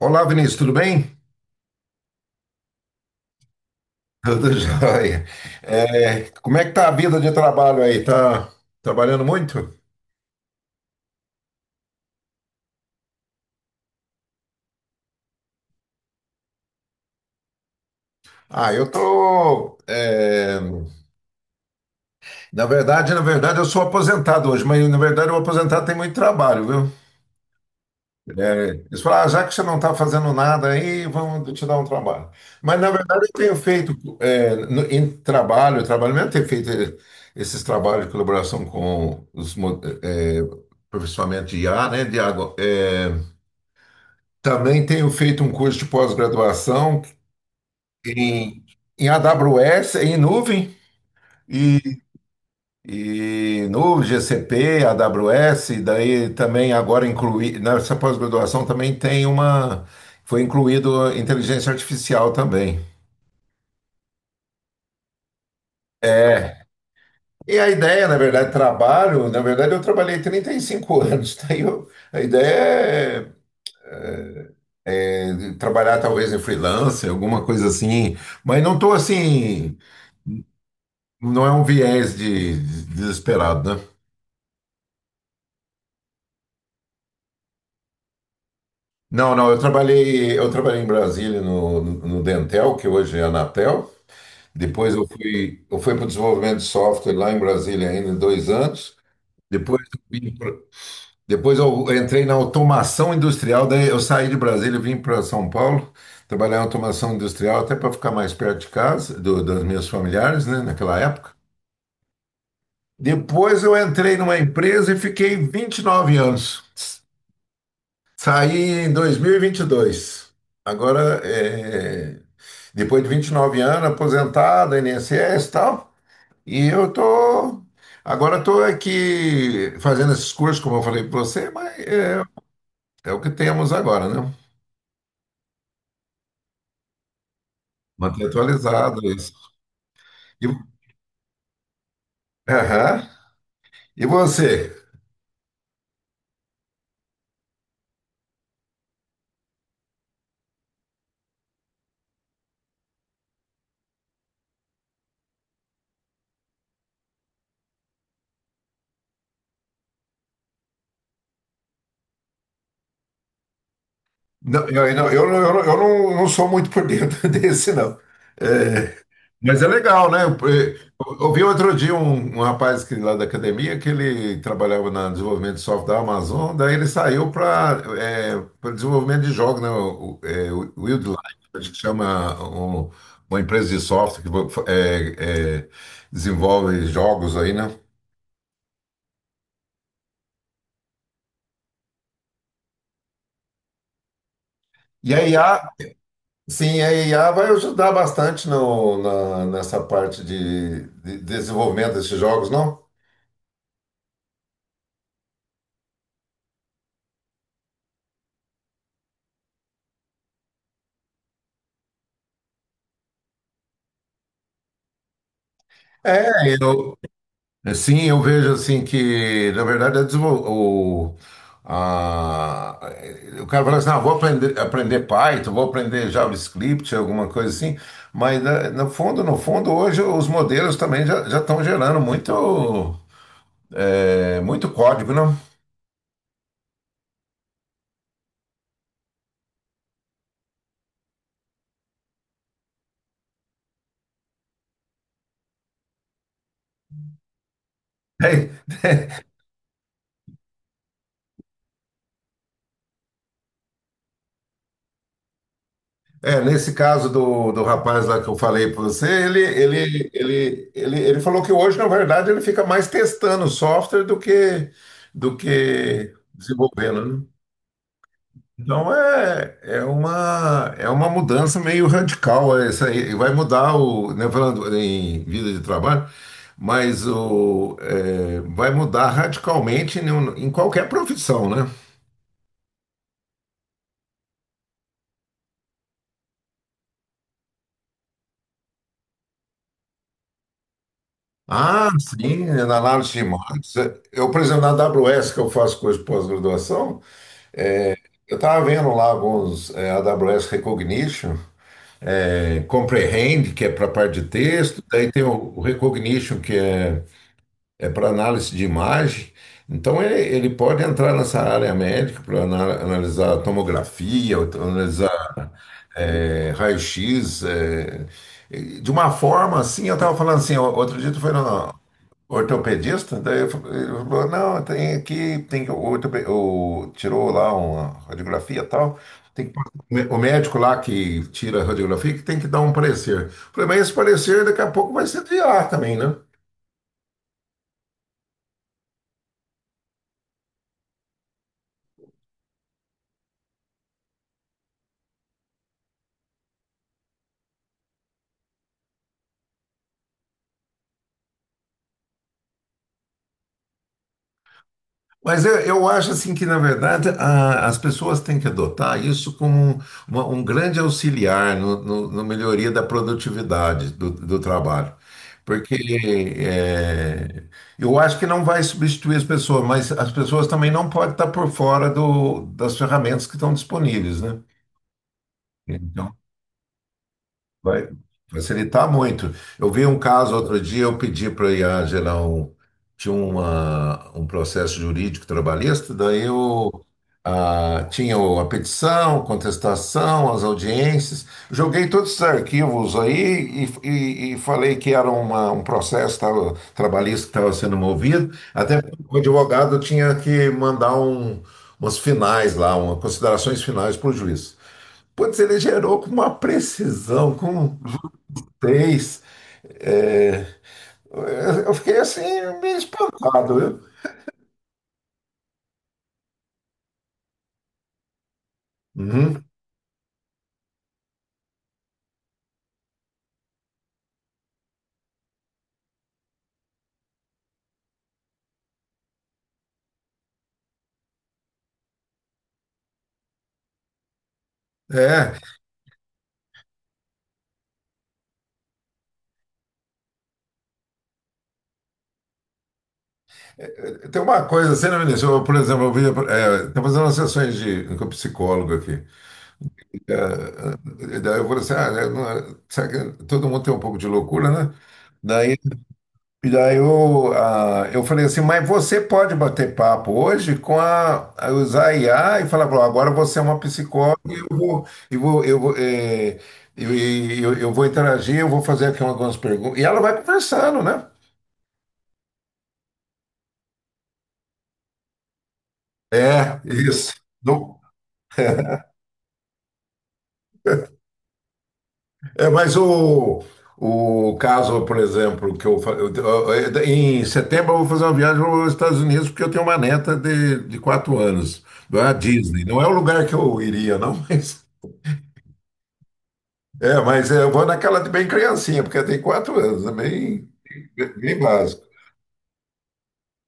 Olá, Vinícius, tudo bem? Tudo jóia. É, como é que tá a vida de trabalho aí? Tá trabalhando muito? Ah, eu tô. Na verdade, eu sou aposentado hoje, mas na verdade o aposentado tem muito trabalho, viu? É, eles falaram, ah, já que você não está fazendo nada aí, vamos te dar um trabalho. Mas na verdade eu tenho feito em trabalho mesmo, tenho feito esses trabalhos de colaboração com os aperfeiçoamento de IA, né? De água. Também tenho feito um curso de pós-graduação em, em AWS, em nuvem, e, e nuvem, GCP, AWS, daí também agora incluí, nessa pós-graduação também tem foi incluído inteligência artificial também. É, e a ideia, na verdade, na verdade eu trabalhei 35 anos. A ideia é trabalhar talvez em freelancer, alguma coisa assim, mas não estou assim. Não é um viés desesperado, né? Não, eu trabalhei, em Brasília no Dentel, que hoje é a Anatel. Depois eu fui para o desenvolvimento de software lá em Brasília ainda em 2 anos. Depois depois eu entrei na automação industrial, daí eu saí de Brasília e vim para São Paulo, trabalhar em automação industrial até para ficar mais perto de casa, dos meus familiares, né, naquela época. Depois eu entrei numa empresa e fiquei 29 anos. Saí em dois mil e vinte e dois. Agora, é, depois de 29 anos, aposentado, INSS e tal, e eu tô... Agora estou aqui fazendo esses cursos, como eu falei para você, mas é, é o que temos agora, né? Manter atualizado isso. E, aham. E você? Não, eu, não, eu, não, eu não eu não- não- sou muito por dentro desse, não. É, mas é legal, né? Eu ouvi outro dia um rapaz que, lá da academia, que ele trabalhava na desenvolvimento de software da Amazon, daí ele saiu para desenvolvimento de jogos, né? O Wildlife, acho que chama uma empresa de software que desenvolve jogos aí, né? E a IA, sim, a IA vai ajudar bastante no, na, nessa parte de desenvolvimento desses jogos, não? É, eu, Sim, eu vejo assim que, na verdade, a desenvol- o, a- o cara fala assim, ah, vou aprender, aprender Python, vou aprender JavaScript, alguma coisa assim, mas né, no fundo, no fundo, hoje os modelos também já estão gerando muito, muito código, não? Nesse caso do rapaz lá que eu falei para você, ele falou que hoje, na verdade, ele fica mais testando o software do que desenvolvendo, né? Então é uma mudança meio radical é essa aí. Vai mudar o, né, falando em vida de trabalho, mas o, é, vai mudar radicalmente em qualquer profissão, né? Ah, sim, na análise de marketing. Eu, por exemplo, na AWS, que eu faço curso de pós-graduação, eu estava vendo lá alguns AWS Recognition, Comprehend, que é para a parte de texto, daí tem o Recognition, que é para análise de imagem. Então ele pode entrar nessa área médica para analisar tomografia, ou analisar raio-x, é, e de uma forma assim. Eu estava falando assim, outro dia tu foi no ortopedista, daí ele falou, não, tem aqui, tem que- o, ortope- o- tirou lá uma radiografia e tal. Tem que, o médico lá que tira a radiografia que tem que dar um parecer. Eu falei, mas esse parecer daqui a pouco vai ser de ar também, né? Mas eu acho assim que, na verdade, as pessoas têm que adotar isso como um grande auxiliar no melhoria da produtividade do trabalho. Porque é, eu acho que não vai substituir as pessoas, mas as pessoas também não podem estar por fora das ferramentas que estão disponíveis, né? Então, vai facilitar muito. Eu vi um caso outro dia, eu pedi para a IA gerar um, tinha uma, um processo jurídico trabalhista, daí eu ah, tinha a petição, contestação, as audiências. Joguei todos esses arquivos aí e, e falei que era um processo trabalhista que estava sendo movido, até porque o advogado tinha que mandar um, umas finais lá, uma, considerações finais para o juiz. Putz, ele gerou com uma precisão, com justez. É, eu fiquei assim, meio espantado, viu? Uhum. É, tem uma coisa, você não me deixou, por exemplo, eu vi, é, estou fazendo umas sessões de, com um psicólogo aqui. É, e daí eu falei assim, ah, né, é, será que todo mundo tem um pouco de loucura, né? Daí, e daí eu, ah, eu falei assim, mas você pode bater papo hoje com a usar a IA e falar, "Bom, agora você é uma psicóloga e eu vou, eh, eu vou interagir, eu vou fazer aqui algumas perguntas." E ela vai conversando, né? É, isso. Não- é, mas o caso, por exemplo, que eu, em setembro eu vou fazer uma viagem aos Estados Unidos porque eu tenho uma neta de 4 anos, da Disney. Não é o lugar que eu iria, não, mas é, mas eu vou naquela de bem criancinha, porque tem 4 anos, é bem, bem básico.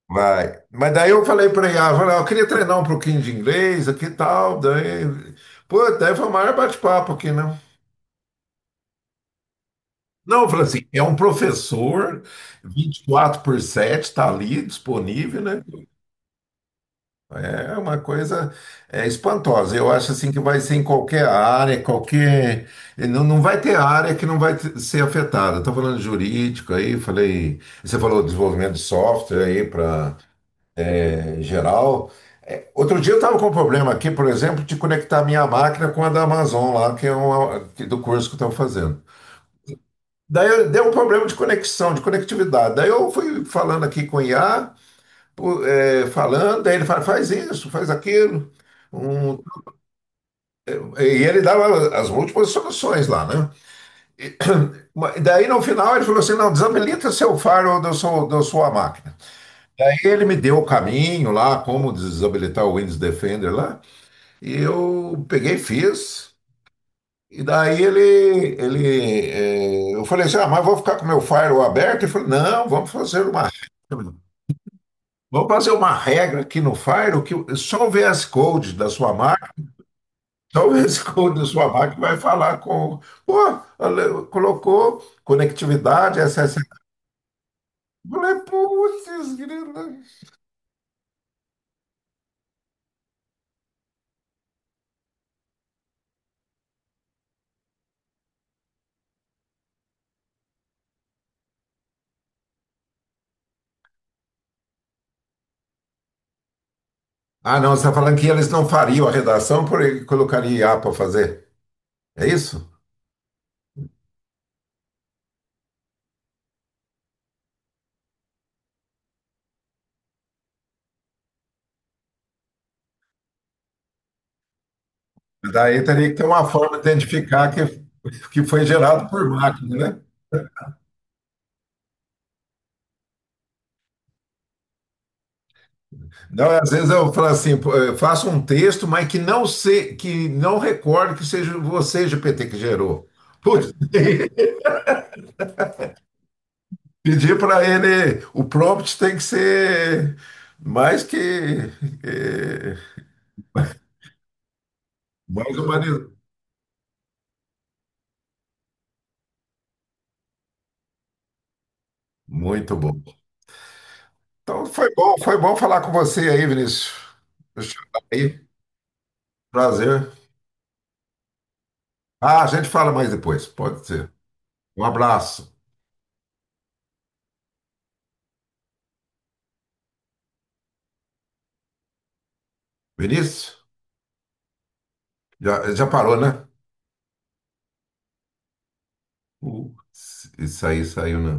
Vai. Mas daí eu falei para ela, eu falei, "Ó, eu queria treinar um pouquinho de inglês aqui e tal." Daí, pô, daí foi o maior bate-papo aqui, né? Não, eu falei assim, é um professor 24 por 7, está ali disponível, né? É uma coisa é, espantosa. Eu acho assim que vai ser em qualquer área, qualquer. Não, não vai ter área que não vai ser afetada. Estou falando de jurídico aí, falei. Você falou desenvolvimento de software aí para geral. É, outro dia eu estava com um problema aqui, por exemplo, de conectar minha máquina com a da Amazon lá, que é uma, do curso que eu estou fazendo. Deu um problema de conexão, de conectividade. Daí eu fui falando aqui com o IA, pô, é, falando, daí ele fala, faz isso, faz aquilo. Um, e ele dava as múltiplas soluções lá, né? Daí no final ele falou assim: não, desabilita seu faro da sua máquina. Aí ele me deu o caminho lá, como desabilitar o Windows Defender lá, e eu peguei e fiz. E daí eu falei assim: ah, mas vou ficar com meu firewall aberto? Ele falou: não, vamos fazer uma regra. Vamos fazer uma regra aqui no firewall que só o VS Code da sua máquina. Talvez quando sua máquina vai falar com. Pô, ela colocou conectividade, acesso. Eu falei, putz, grila. Ah, não, você está falando que eles não fariam a redação porque colocaria IA para fazer. É isso? Daí teria que ter uma forma de identificar que foi gerado por máquina, né? Não, às vezes eu falo assim, pô, eu faço um texto, mas que não se, que não recorde que seja você, GPT, que gerou. Putz. Pedir para ele, o prompt tem que ser mais que eh, mais humanizado. Muito bom. Então foi bom falar com você aí, Vinícius. Deixa eu dar aí. Prazer. Ah, a gente fala mais depois, pode ser. Um abraço. Vinícius, já parou, né? Uh, isso aí saiu, né?